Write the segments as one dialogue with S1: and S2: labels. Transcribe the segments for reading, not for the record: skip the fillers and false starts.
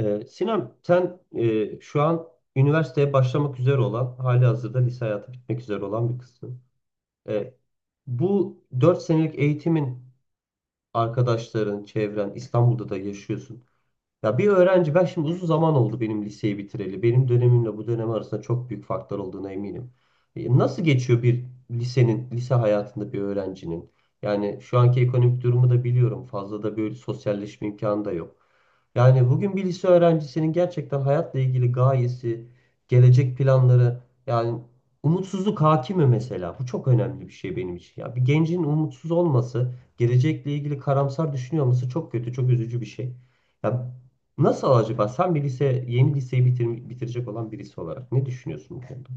S1: Sinem, sen şu an üniversiteye başlamak üzere olan, halihazırda lise hayatı bitmek üzere olan bir kızsın. Ee, bu 4 senelik eğitimin arkadaşların, çevren, İstanbul'da da yaşıyorsun. Ya bir öğrenci ben şimdi uzun zaman oldu benim liseyi bitireli. Benim dönemimle bu dönem arasında çok büyük farklar olduğuna eminim. Nasıl geçiyor bir lisenin, lise hayatında bir öğrencinin? Yani şu anki ekonomik durumu da biliyorum. Fazla da böyle sosyalleşme imkanı da yok. Yani bugün bir lise öğrencisinin gerçekten hayatla ilgili gayesi, gelecek planları, yani umutsuzluk hakim mi mesela? Bu çok önemli bir şey benim için. Ya bir gencin umutsuz olması, gelecekle ilgili karamsar düşünüyor olması çok kötü, çok üzücü bir şey. Ya nasıl acaba? Sen bir lise, yeni liseyi bitirecek olan birisi olarak ne düşünüyorsun bu konuda?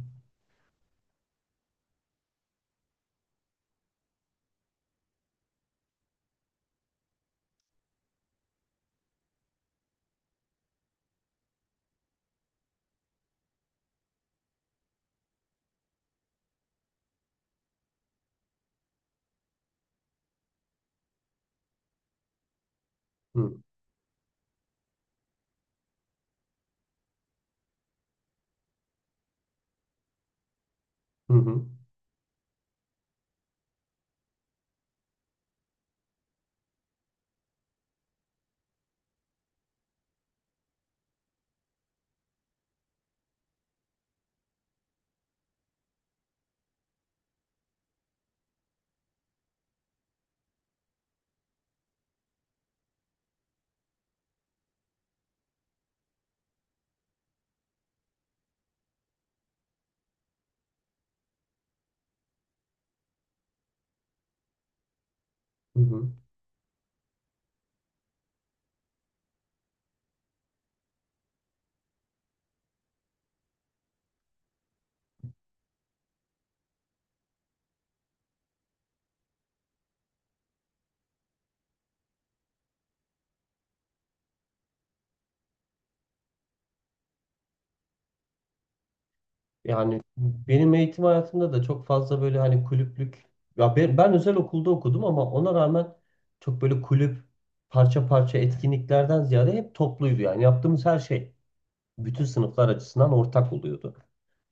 S1: Hı, hı, hı, hı, hı. Yani benim eğitim hayatımda da çok fazla böyle hani kulüplük ya ben özel okulda okudum ama ona rağmen çok böyle kulüp parça parça etkinliklerden ziyade hep topluydu yani yaptığımız her şey. Bütün sınıflar açısından ortak oluyordu.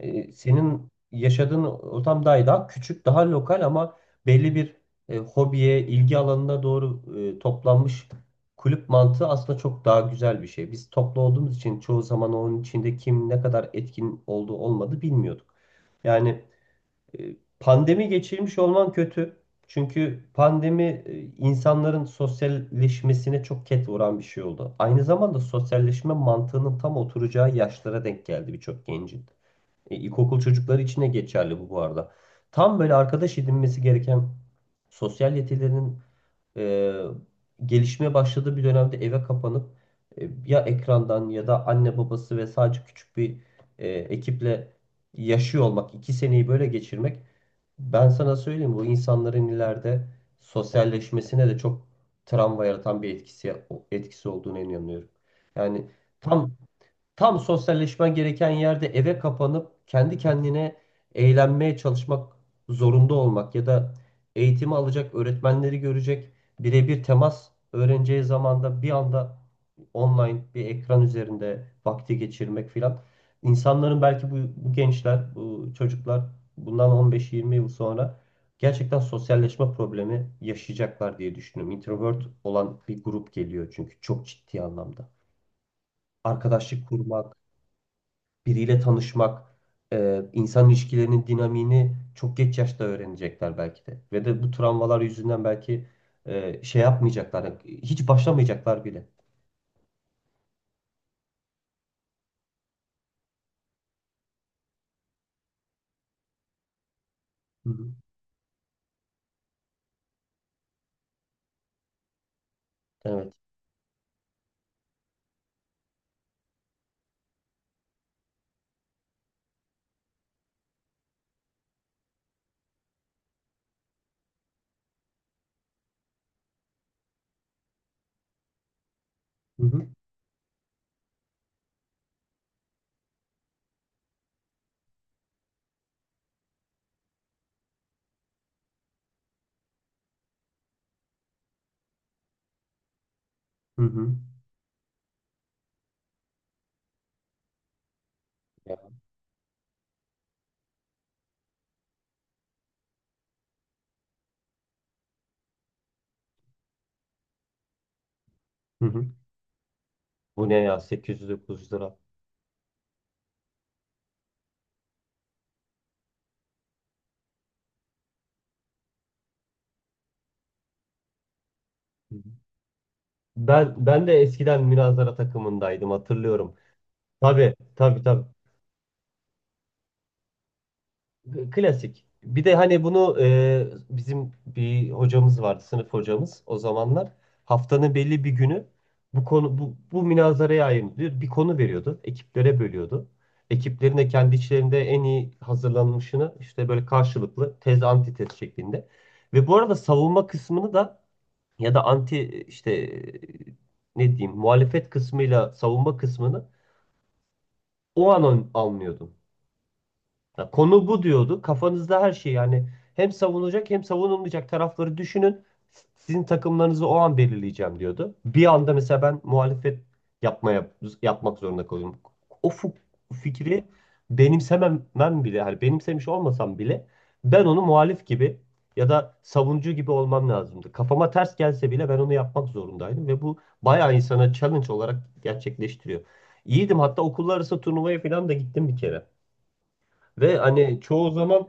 S1: Senin yaşadığın ortam daha küçük, daha lokal ama belli bir hobiye, ilgi alanına doğru toplanmış kulüp mantığı aslında çok daha güzel bir şey. Biz toplu olduğumuz için çoğu zaman onun içinde kim ne kadar etkin olduğu olmadı bilmiyorduk. Yani pandemi geçirmiş olman kötü. Çünkü pandemi insanların sosyalleşmesine çok ket vuran bir şey oldu. Aynı zamanda sosyalleşme mantığının tam oturacağı yaşlara denk geldi birçok gencin. İlkokul çocukları için de geçerli bu, bu arada. Tam böyle arkadaş edinmesi gereken sosyal yetilerinin e, gelişmeye başladığı bir dönemde eve kapanıp ya ekrandan ya da anne babası ve sadece küçük bir ekiple yaşıyor olmak, iki seneyi böyle geçirmek, ben sana söyleyeyim, bu insanların ileride sosyalleşmesine de çok travma yaratan bir etkisi olduğunu inanıyorum. Yani tam Tam sosyalleşmen gereken yerde eve kapanıp kendi kendine eğlenmeye çalışmak zorunda olmak ya da eğitimi alacak, öğretmenleri görecek, birebir temas öğreneceği zamanda bir anda online bir ekran üzerinde vakti geçirmek filan. İnsanların belki bu, bu gençler, bu çocuklar bundan 15-20 yıl sonra gerçekten sosyalleşme problemi yaşayacaklar diye düşünüyorum. Introvert olan bir grup geliyor çünkü, çok ciddi anlamda. Arkadaşlık kurmak, biriyle tanışmak, insan ilişkilerinin dinamiğini çok geç yaşta öğrenecekler belki de. Ve de bu travmalar yüzünden belki şey yapmayacaklar, hiç başlamayacaklar bile. Hı hı. Evet. Hı hı. Hı hı. Ya. Hı hı. Bu ne ya, 809 lira. Hı hı. Ben de eskiden münazara takımındaydım, hatırlıyorum. Tabii, tabii, tabii. Klasik. Bir de hani bunu, bizim bir hocamız vardı, sınıf hocamız o zamanlar. Haftanın belli bir günü bu konu bu münazaraya ayırın diyor. Bir konu veriyordu. Ekiplere bölüyordu. Ekiplerin de kendi içlerinde en iyi hazırlanmışını işte böyle karşılıklı tez antitez şeklinde. Ve bu arada savunma kısmını da ya da anti işte, ne diyeyim, muhalefet kısmıyla savunma kısmını o an anlıyordum. Ya konu bu diyordu. Kafanızda her şey, yani hem savunulacak hem savunulmayacak tarafları düşünün. Sizin takımlarınızı o an belirleyeceğim diyordu. Bir anda mesela ben muhalefet yapmaya yapmak zorunda kalıyorum. O fikri benimsememem bile, hani benimsemiş olmasam bile ben onu muhalif gibi ya da savunucu gibi olmam lazımdı. Kafama ters gelse bile ben onu yapmak zorundaydım ve bu bayağı insana challenge olarak gerçekleştiriyor. İyiydim, hatta okullar arası turnuvaya falan da gittim bir kere. Ve hani çoğu zaman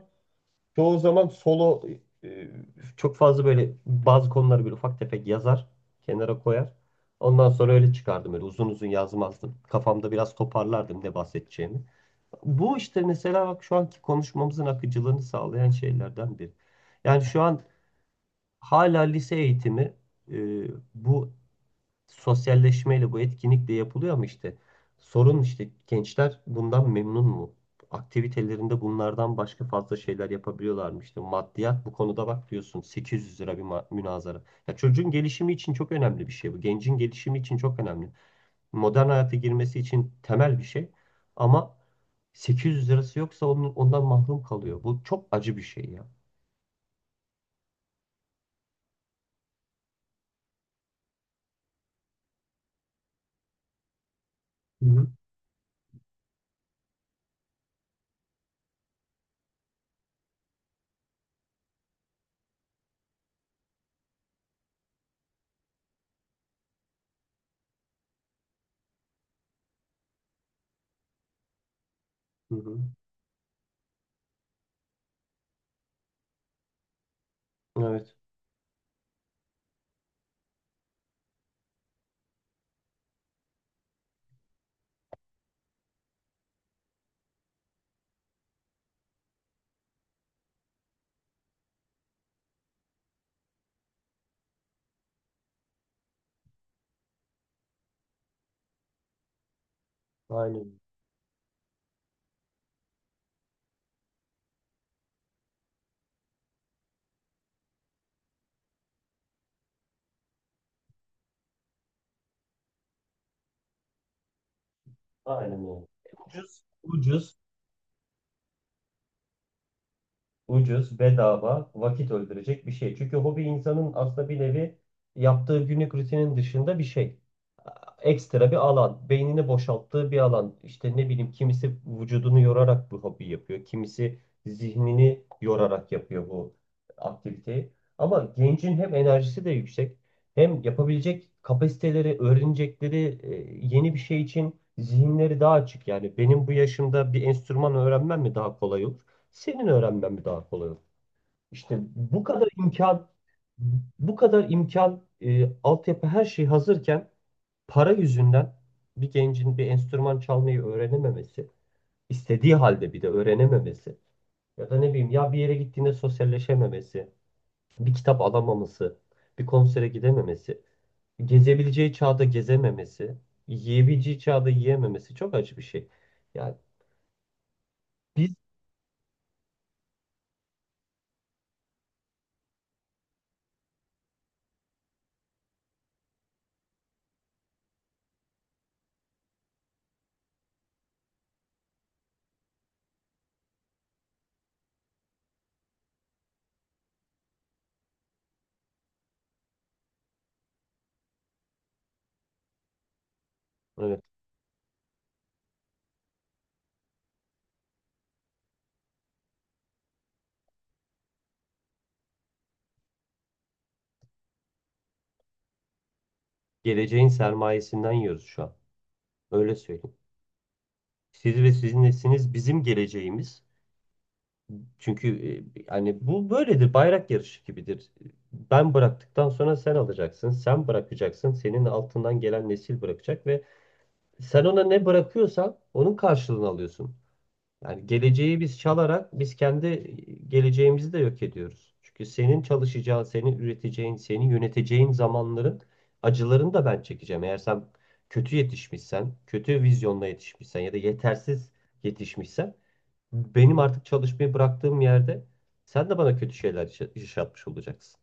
S1: çoğu zaman solo, e, çok fazla böyle bazı konuları böyle ufak tefek yazar, kenara koyar. Ondan sonra öyle çıkardım, öyle uzun uzun yazmazdım. Kafamda biraz toparlardım ne bahsedeceğimi. Bu işte mesela bak, şu anki konuşmamızın akıcılığını sağlayan şeylerden biri. Yani şu an hala lise eğitimi, e, bu sosyalleşmeyle bu etkinlik de yapılıyor ama işte sorun, işte gençler bundan memnun mu? Aktivitelerinde bunlardan başka fazla şeyler yapabiliyorlar mı? İşte maddiyat bu konuda, bak diyorsun, 800 lira bir münazara. Ya çocuğun gelişimi için çok önemli bir şey bu. Gencin gelişimi için çok önemli. Modern hayata girmesi için temel bir şey ama 800 lirası yoksa onun, ondan mahrum kalıyor. Bu çok acı bir şey ya. Hı hı. Hı hı. Evet. Aynen. Aynen öyle. Ucuz, ucuz. Ucuz, bedava, vakit öldürecek bir şey. Çünkü hobi insanın aslında bir nevi yaptığı günlük rutinin dışında bir şey. Ekstra bir alan, beynini boşalttığı bir alan. İşte ne bileyim, kimisi vücudunu yorarak bu hobi yapıyor. Kimisi zihnini yorarak yapıyor bu aktiviteyi. Ama gencin hem enerjisi de yüksek, hem yapabilecek kapasiteleri, öğrenecekleri yeni bir şey için zihinleri daha açık. Yani benim bu yaşımda bir enstrüman öğrenmem mi daha kolay olur? Senin öğrenmen mi daha kolay olur? İşte bu kadar imkan, altyapı, her şey hazırken para yüzünden bir gencin bir enstrüman çalmayı öğrenememesi, istediği halde bir de öğrenememesi, ya da ne bileyim, ya bir yere gittiğinde sosyalleşememesi, bir kitap alamaması, bir konsere gidememesi, gezebileceği çağda gezememesi, yiyebileceği çağda yiyememesi çok acı bir şey. Yani biz, evet, geleceğin sermayesinden yiyoruz şu an. Öyle söyleyeyim. Siz ve sizin nesliniz bizim geleceğimiz. Çünkü hani bu böyledir, bayrak yarışı gibidir. Ben bıraktıktan sonra sen alacaksın, sen bırakacaksın, senin altından gelen nesil bırakacak ve sen ona ne bırakıyorsan onun karşılığını alıyorsun. Yani geleceği biz çalarak biz kendi geleceğimizi de yok ediyoruz. Çünkü senin çalışacağın, senin üreteceğin, seni yöneteceğin zamanların acılarını da ben çekeceğim. Eğer sen kötü yetişmişsen, kötü vizyonla yetişmişsen ya da yetersiz yetişmişsen, benim artık çalışmayı bıraktığım yerde sen de bana kötü şeyler yaşatmış olacaksın.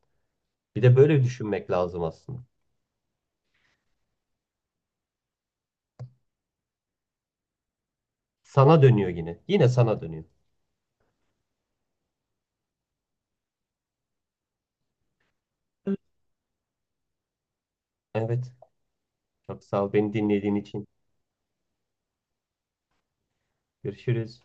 S1: Bir de böyle düşünmek lazım aslında. Sana dönüyor yine. Yine sana dönüyor. Evet. Çok sağ ol beni dinlediğin için. Görüşürüz.